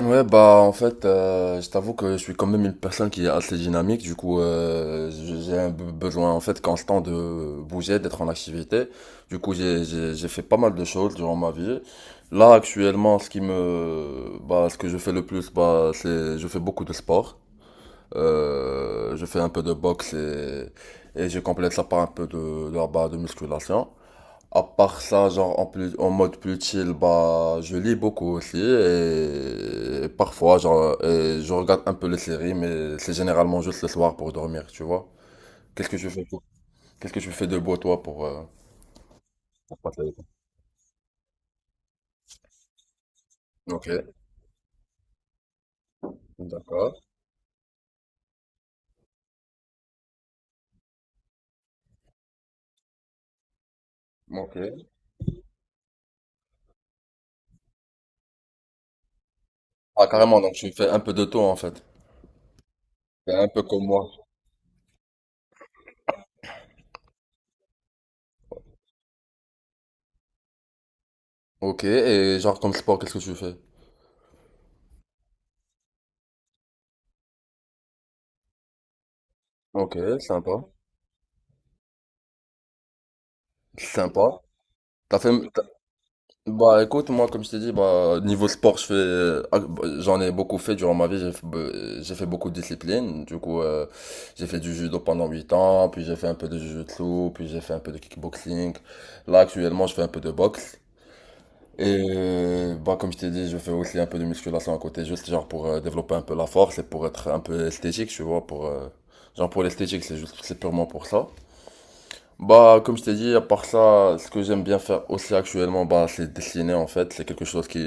Ouais, bah en fait, je t'avoue que je suis quand même une personne qui est assez dynamique, du coup j'ai un besoin en fait constant de bouger, d'être en activité. Du coup j'ai fait pas mal de choses durant ma vie. Là actuellement, ce qui me bah ce que je fais le plus, bah c'est je fais beaucoup de sport. Je fais un peu de boxe et je complète ça par un peu de musculation. À part ça, genre en plus, en mode plus chill, bah, je lis beaucoup aussi et parfois, genre, je regarde un peu les séries, mais c'est généralement juste le soir pour dormir, tu vois. Qu'est-ce que tu fais pour- Qu'est-ce que tu fais de beau toi pour passer le temps? Ok, d'accord. Ok. Ah, carrément, donc tu fais un peu de tout en fait. T'es un peu comme moi. Ok, et genre comme sport, qu'est-ce que tu fais? Ok, sympa. Sympa. T'as fait, Bah écoute, moi comme je t'ai dit, bah niveau sport, bah, j'en ai beaucoup fait durant ma vie, j'ai fait beaucoup de disciplines, du coup j'ai fait du judo pendant 8 ans, puis j'ai fait un peu de jujutsu, puis j'ai fait un peu de kickboxing, là actuellement je fais un peu de boxe, et bah comme je t'ai dit, je fais aussi un peu de musculation à côté, juste genre pour développer un peu la force et pour être un peu esthétique, tu vois, genre pour l'esthétique, c'est juste, c'est purement pour ça. Bah, comme je t'ai dit, à part ça, ce que j'aime bien faire aussi actuellement, bah, c'est dessiner en fait. C'est quelque chose qui,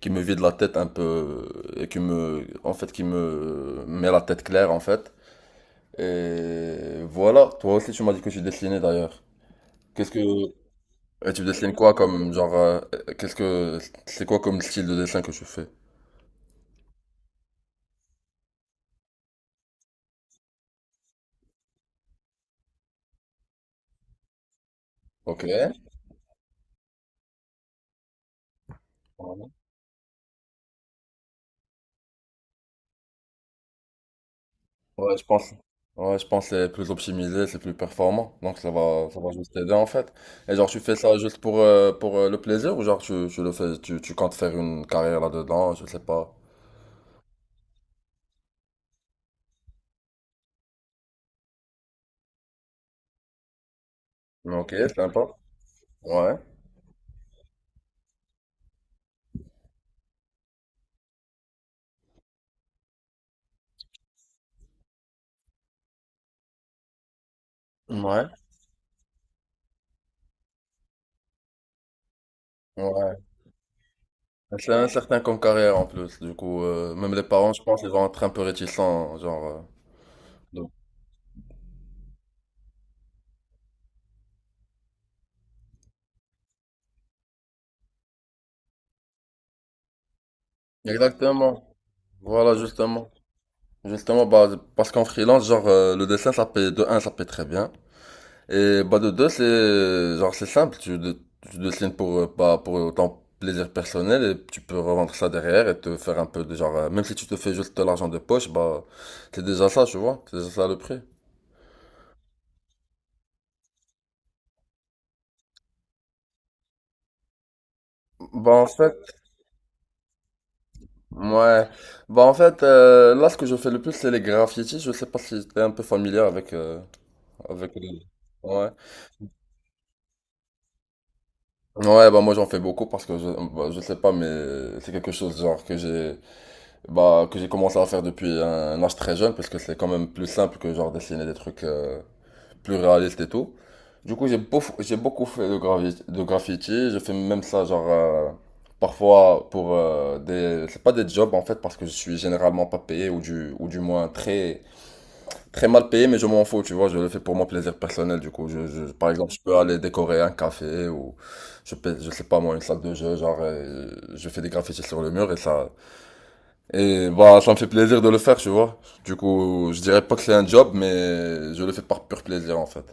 qui me vide la tête un peu et qui me met la tête claire en fait. Et voilà, toi aussi tu m'as dit que tu dessinais d'ailleurs. Qu'est-ce que... Et tu dessines quoi comme genre... qu'est-ce que... C'est quoi comme style de dessin que tu fais? Ok. Ouais, je pense. Ouais, je pense que c'est plus optimisé, c'est plus performant. Donc ça va juste t'aider en fait. Et genre tu fais ça juste pour le plaisir ou genre tu, tu le fais, tu comptes faire une carrière là-dedans, je sais pas. Mais ok, sympa. Ouais. Ouais. Ouais. C'est incertain comme carrière en plus. Du coup, même les parents, je pense, ils vont être un peu réticents, genre. Donc. Exactement. Voilà, justement. Justement, bah, parce qu'en freelance, genre, le dessin, ça paye, de un, ça paye très bien. Et bah de deux c'est genre c'est simple, tu dessines pour pas pour ton plaisir personnel et tu peux revendre ça derrière et te faire un peu de genre même si tu te fais juste de l'argent de poche, bah c'est déjà ça, tu vois, c'est déjà ça le prix. Bah en fait, ouais. Bah en fait, là ce que je fais le plus c'est les graffitis, je sais pas si t'es un peu familier avec avec les. Ouais. Ouais, bah moi j'en fais beaucoup parce que bah, je sais pas mais c'est quelque chose genre que j'ai commencé à faire depuis un âge très jeune, parce que c'est quand même plus simple que genre dessiner des trucs plus réalistes et tout. Du coup, j'ai beaucoup fait de graffiti. Je fais même ça, genre, parfois pour des. C'est pas des jobs en fait, parce que je suis généralement pas payé, ou du moins très, très mal payé, mais je m'en fous, tu vois. Je le fais pour mon plaisir personnel, du coup. Par exemple, je peux aller décorer un café, ou je sais pas moi, une salle de jeu, genre, je fais des graffitis sur le mur, et bah, ça me fait plaisir de le faire, tu vois. Du coup, je dirais pas que c'est un job, mais je le fais par pur plaisir, en fait.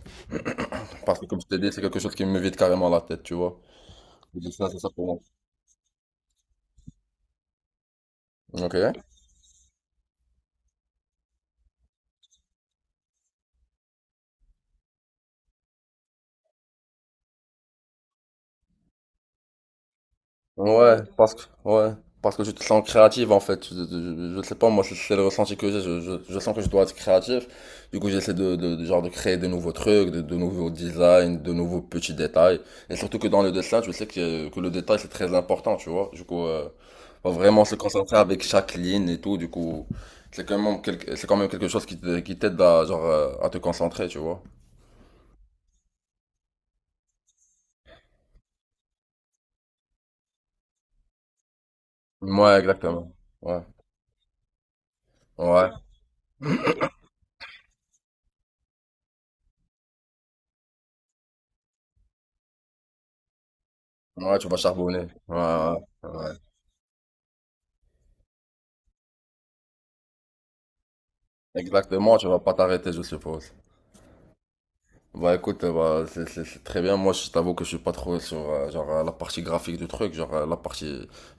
Parce que, comme je t'ai dit, c'est quelque chose qui me vide carrément la tête, tu vois. Je dis ça, c'est ça pour moi. Ok. Ouais, ouais, parce que tu te sens créative en fait. Je sais pas, moi c'est le ressenti que j'ai. Je sens que je dois être créatif. Du coup, j'essaie genre de créer de nouveaux trucs, de nouveaux designs, de nouveaux petits détails. Et surtout que dans le dessin, tu sais que le détail c'est très important, tu vois. Du coup, faut vraiment se concentrer avec chaque ligne et tout. Du coup, c'est quand même quelque chose qui t'aide à, genre, à te concentrer, tu vois. Ouais, exactement. Ouais, ouais, ouais, tu vas charbonner. Ouais, ouais, ouais. Exactement, tu vas pas t'arrêter, je suppose. Bah écoute, bah, c'est très bien. Moi, je t'avoue que je suis pas trop sur genre la partie graphique du truc, genre la partie,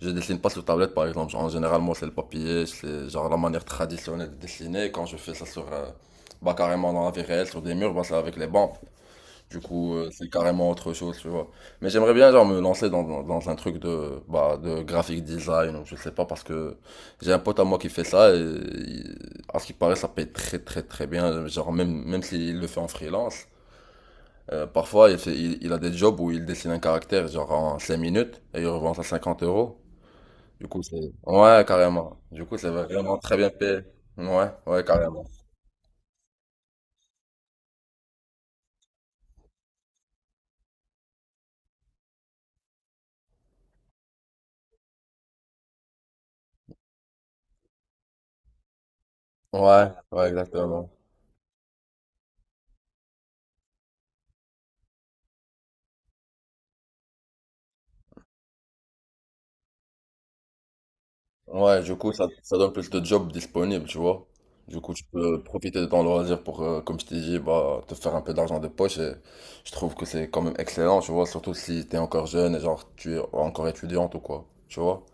je dessine pas sur tablette par exemple. Genre, en général, moi, c'est le papier, c'est genre la manière traditionnelle de dessiner. Quand je fais ça sur, bah carrément dans la vie réelle, sur des murs, bah c'est avec les bandes. Du coup, c'est carrément autre chose, tu vois. Mais j'aimerais bien, genre, me lancer dans un truc de, bah, de graphic design, ou je sais pas, parce que j'ai un pote à moi qui fait ça, à ce qui paraît, ça paye très, très, très bien, genre, même, même s'il le fait en freelance. Parfois, il a des jobs où il dessine un caractère, genre, en 5 minutes, et il revend ça 50 euros. Du coup, c'est. Ouais, carrément. Du coup, c'est vraiment très bien payé. Ouais, ouais, carrément. Ouais, ouais, exactement. Ouais, du coup, ça donne plus de jobs disponibles, tu vois. Du coup, tu peux profiter de ton loisir pour, comme je t'ai dit, bah, te faire un peu d'argent de poche. Et je trouve que c'est quand même excellent, tu vois, surtout si t'es encore jeune et genre tu es encore étudiante ou quoi, tu vois.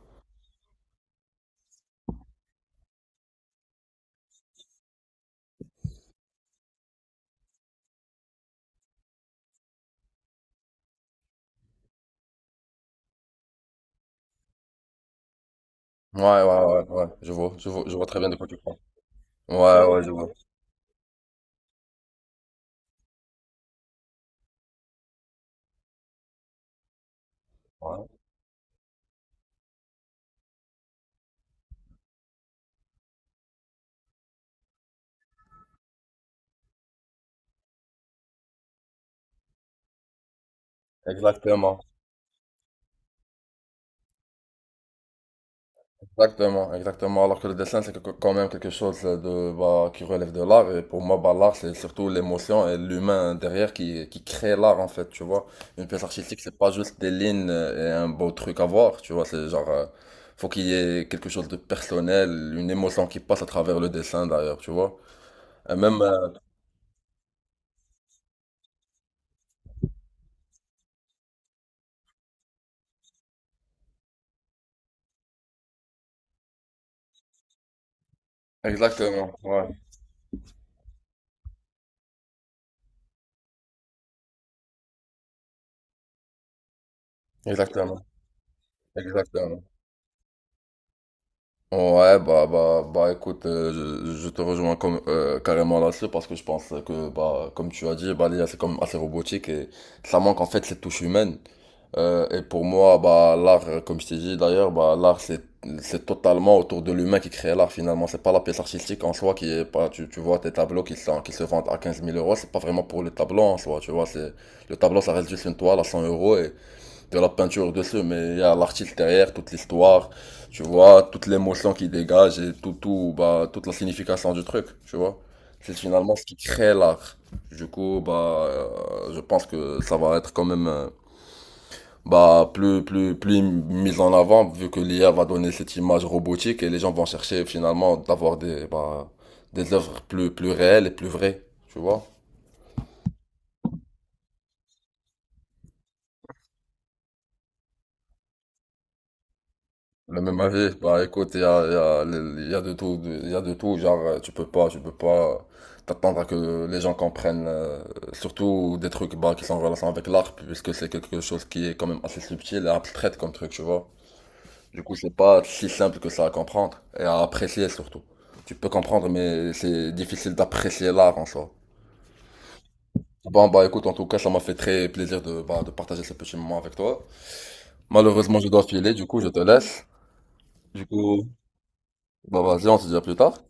Ouais, ouais, ouais, ouais, je vois, je vois, je vois très bien de quoi tu parles. Ouais, ouais, je vois. Ouais, exactement. Exactement, exactement. Alors que le dessin, c'est quand même quelque chose de, bah, qui relève de l'art. Et pour moi, bah, l'art, c'est surtout l'émotion et l'humain derrière qui crée l'art, en fait, tu vois. Une pièce artistique, c'est pas juste des lignes et un beau truc à voir, tu vois. C'est genre, faut qu'il y ait quelque chose de personnel, une émotion qui passe à travers le dessin, d'ailleurs, tu vois. Et même, exactement, ouais, exactement, exactement. Ouais, bah écoute, je te rejoins carrément là-dessus parce que je pense que, bah, comme tu as dit, bah, l'IA c'est comme assez robotique et ça manque en fait cette touche humaine. Et pour moi, bah, l'art, comme je t'ai dit d'ailleurs, bah, l'art c'est totalement autour de l'humain qui crée l'art finalement. C'est pas la pièce artistique en soi qui est pas, tu vois tes tableaux qui se vendent à quinze mille euros, c'est pas vraiment pour le tableau en soi, tu vois, le tableau ça reste juste une toile à 100 € de la peinture dessus, mais il y a l'artiste derrière, toute l'histoire, tu vois, toute l'émotion qui dégage et tout, toute la signification du truc, tu vois. C'est finalement ce qui crée l'art. Du coup, bah, je pense que ça va être quand même, bah, plus mis en avant, vu que l'IA va donner cette image robotique et les gens vont chercher finalement d'avoir bah, des œuvres plus réelles et plus vraies, tu vois. Le même avis, bah écoute, il y a de tout, il y a de tout, genre tu peux pas t'attendre à que les gens comprennent, surtout des trucs bah, qui sont en relation avec l'art, puisque c'est quelque chose qui est quand même assez subtil et abstrait comme truc, tu vois. Du coup, c'est pas si simple que ça à comprendre et à apprécier surtout. Tu peux comprendre, mais c'est difficile d'apprécier l'art en soi. Bon, bah écoute, en tout cas, ça m'a fait très plaisir de partager ce petit moment avec toi. Malheureusement, je dois filer, du coup, je te laisse. Du coup, bah vas-y, on se dit à plus tard.